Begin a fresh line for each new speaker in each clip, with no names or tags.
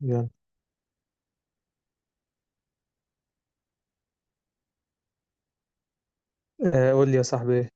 يلا. آه، قول لي يا صاحبي.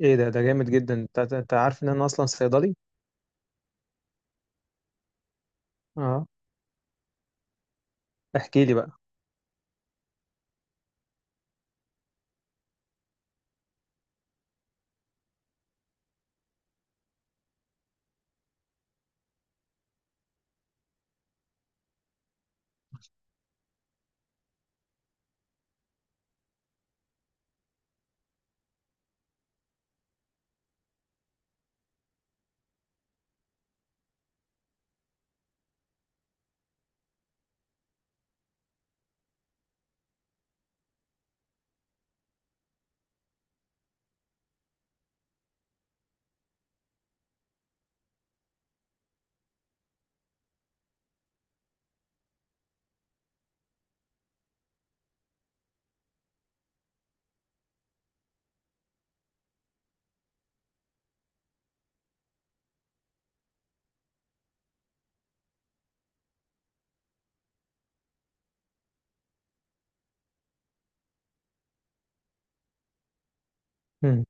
ايه ده جامد جدا، انت عارف ان انا اصلا صيدلي. اه، احكي لي بقى. مم.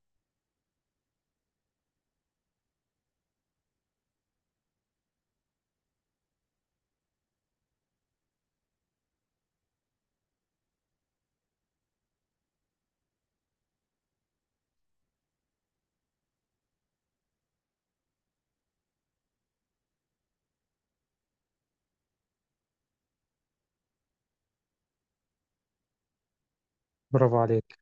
برافو عليك.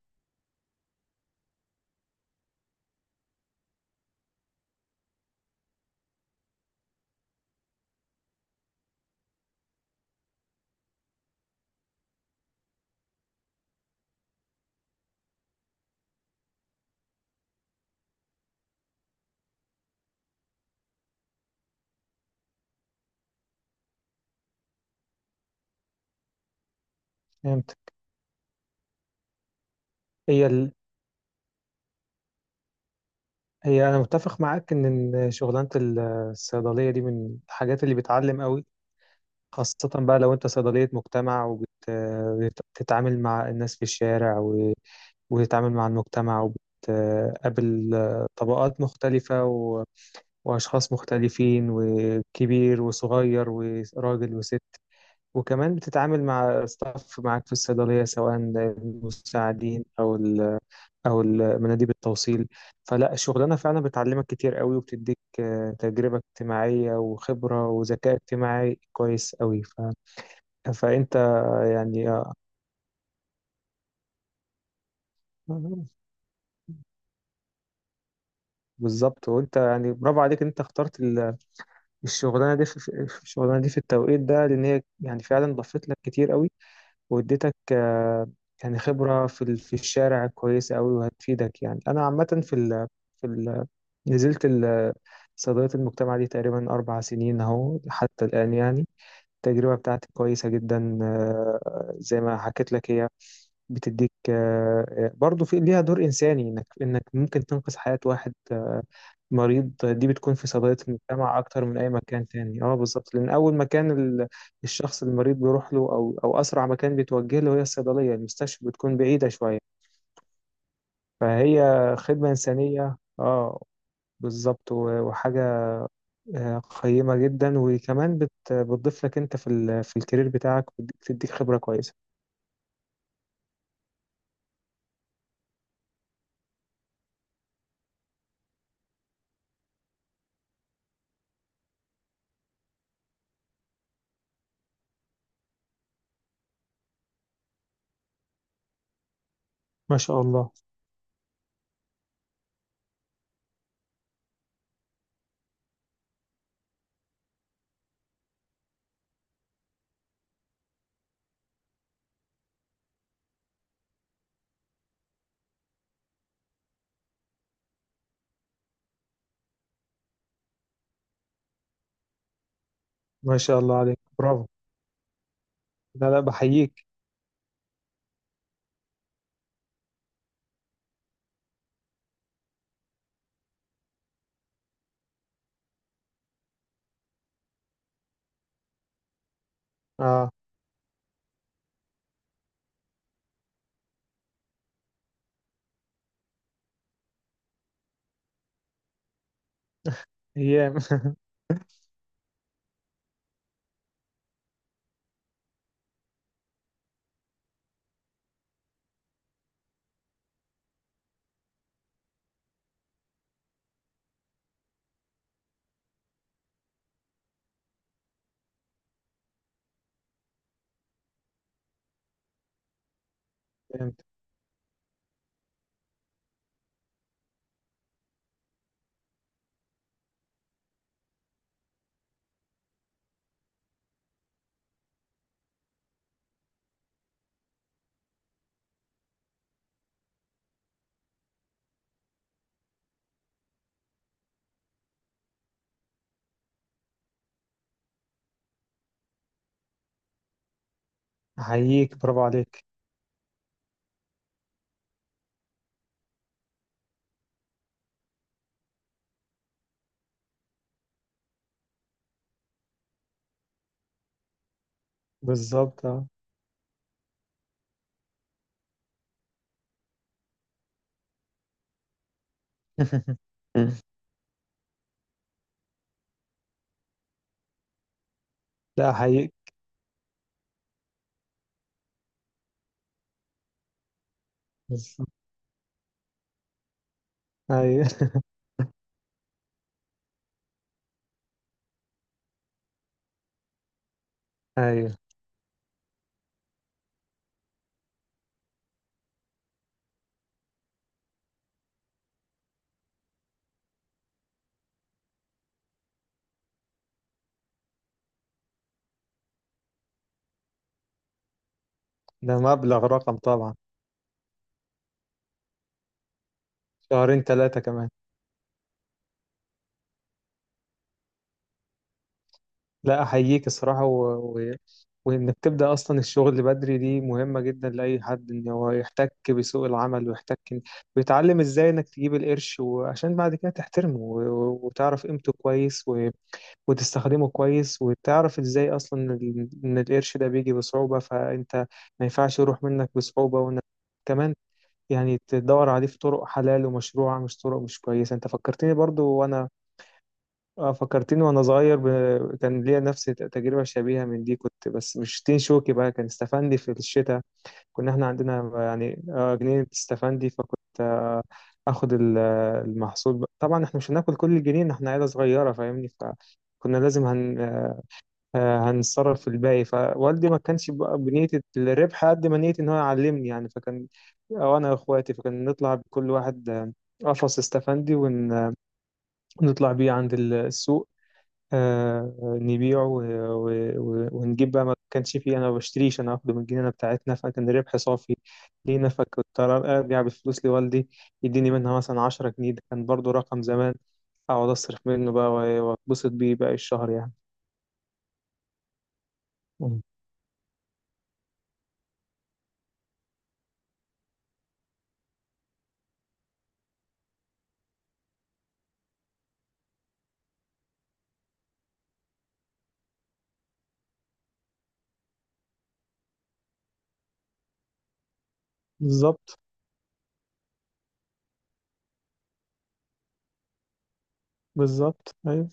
فهمت. هي ال... هي انا متفق معاك ان، إن شغلانه الصيدليه دي من الحاجات اللي بتعلم قوي، خاصه بقى لو انت صيدليه مجتمع، وبتتعامل مع الناس في الشارع وتتعامل مع المجتمع، وبتقابل طبقات مختلفه واشخاص مختلفين، وكبير وصغير وراجل وست. وكمان بتتعامل مع ستاف معاك في الصيدلية، سواء المساعدين أو مناديب التوصيل. فلا الشغلانة فعلا بتعلمك كتير قوي، وبتديك تجربة اجتماعية وخبرة وذكاء اجتماعي كويس قوي فأنت يعني بالظبط. وأنت يعني برافو عليك إن أنت اخترت الشغلانة دي في التوقيت ده، لأن هي يعني فعلا ضافت لك كتير قوي، واديتك يعني خبرة في الشارع كويسة أوي وهتفيدك. يعني أنا عامة في ال في ال نزلت ال- صيدلية المجتمع دي تقريبا 4 سنين أهو حتى الآن يعني. التجربة بتاعتي كويسة جدا، زي ما حكيت لك هي بتديك، برضو في ليها دور إنساني، إنك ممكن تنقذ حياة واحد مريض. دي بتكون في صيدلية المجتمع أكتر من أي مكان تاني، أه بالظبط، لأن أول مكان الشخص المريض بيروح له، أو أسرع مكان بيتوجه له هي الصيدلية. المستشفى بتكون بعيدة شوية. فهي خدمة إنسانية، أه بالظبط، و- وحاجة قيمة جدا، وكمان بتضيف لك أنت في الكارير بتاعك، وبتديك خبرة كويسة. ما شاء الله. ما شاء الله عليك، برافو. لا لا، بحييك. اه. ايام فهمت. احييك، برافو عليك. بالظبط، اه. لا احييك. بالظبط، ايوه. ايوه، ده مبلغ، رقم طبعا. شهرين ثلاثة كمان. لا احييك الصراحة، و... وانك تبدأ اصلا الشغل بدري، دي مهمة جدا لأي حد، ان هو يحتك بسوق العمل ويحتك ويتعلم ازاي انك تجيب القرش، وعشان بعد كده تحترمه وتعرف قيمته كويس وتستخدمه كويس. وتعرف ازاي اصلا ان إن القرش ده بيجي بصعوبة، فانت ما ينفعش يروح منك بصعوبة، وانك كمان يعني تدور عليه في طرق حلال ومشروعة، مش طرق مش كويسة. انت فكرتني برضو، وانا فكرتني وانا صغير، كان ليا نفس تجربة شبيهة من دي، كنت بس مش تين شوكي بقى، كان استفندي في الشتاء. كنا احنا عندنا يعني جنينة استفندي، فكنت اخد المحصول بقى. طبعا احنا مش هناكل كل الجنين، احنا عيلة صغيرة فاهمني، فكنا لازم هن آه، هنتصرف في الباقي. فوالدي ما كانش بقى بنية الربح، قد ما نية إن هو يعلمني يعني. أو أنا وإخواتي، فكان نطلع بكل واحد قفص استفندي، ونطلع بيه عند السوق، نبيعه ونجيب بقى. ما كانش فيه أنا ما بشتريش، أنا باخده من الجنينة بتاعتنا، فكان الربح صافي لينا. فكنت أرجع بالفلوس لوالدي، يديني منها مثلا 10 جنيه، ده كان برضو رقم زمان. أقعد أصرف منه بقى، وأتبسط بيه باقي الشهر يعني. مم. بالظبط. بالظبط، ايوه.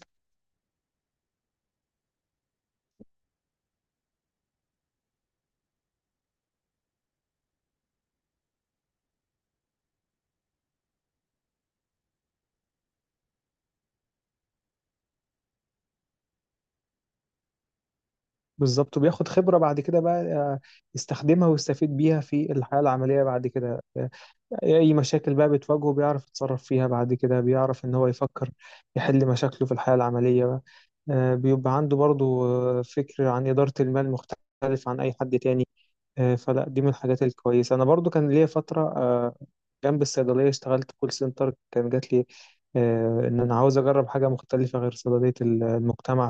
بالظبط. وبياخد خبرة بعد كده بقى، يستخدمها ويستفيد بيها في الحياة العملية بعد كده. أي مشاكل بقى بتواجهه، بيعرف يتصرف فيها بعد كده، بيعرف إن هو يفكر يحل مشاكله في الحياة العملية بقى. بيبقى عنده برضو فكر عن إدارة المال مختلف عن أي حد تاني. فلا دي من الحاجات الكويسة. أنا برضو كان ليا فترة جنب الصيدلية اشتغلت كول سنتر، كان جات لي إن أنا عاوز أجرب حاجة مختلفة غير صيدلية المجتمع.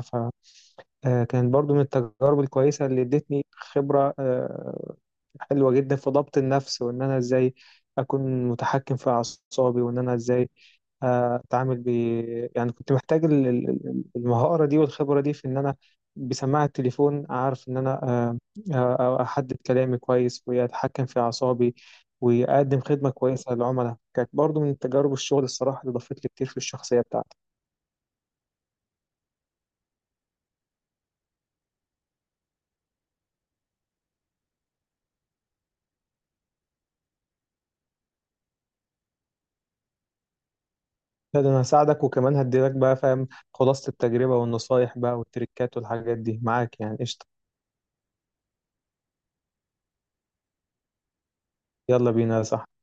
كانت برضو من التجارب الكويسة اللي ادتني خبرة حلوة جدا في ضبط النفس، وإن أنا إزاي أكون متحكم في أعصابي، وإن أنا إزاي أتعامل يعني. كنت محتاج المهارة دي والخبرة دي، في إن أنا بسماعة التليفون أعرف إن أنا أحدد كلامي كويس، وأتحكم في أعصابي، وأقدم خدمة كويسة للعملاء. كانت برضو من تجارب الشغل الصراحة اللي ضافت لي كتير في الشخصية بتاعتي. لا ده انا هساعدك، وكمان هديلك بقى فاهم، خلاصة التجربة والنصايح بقى والتريكات والحاجات دي معاك يعني، قشطة. يلا بينا يا صاحبي.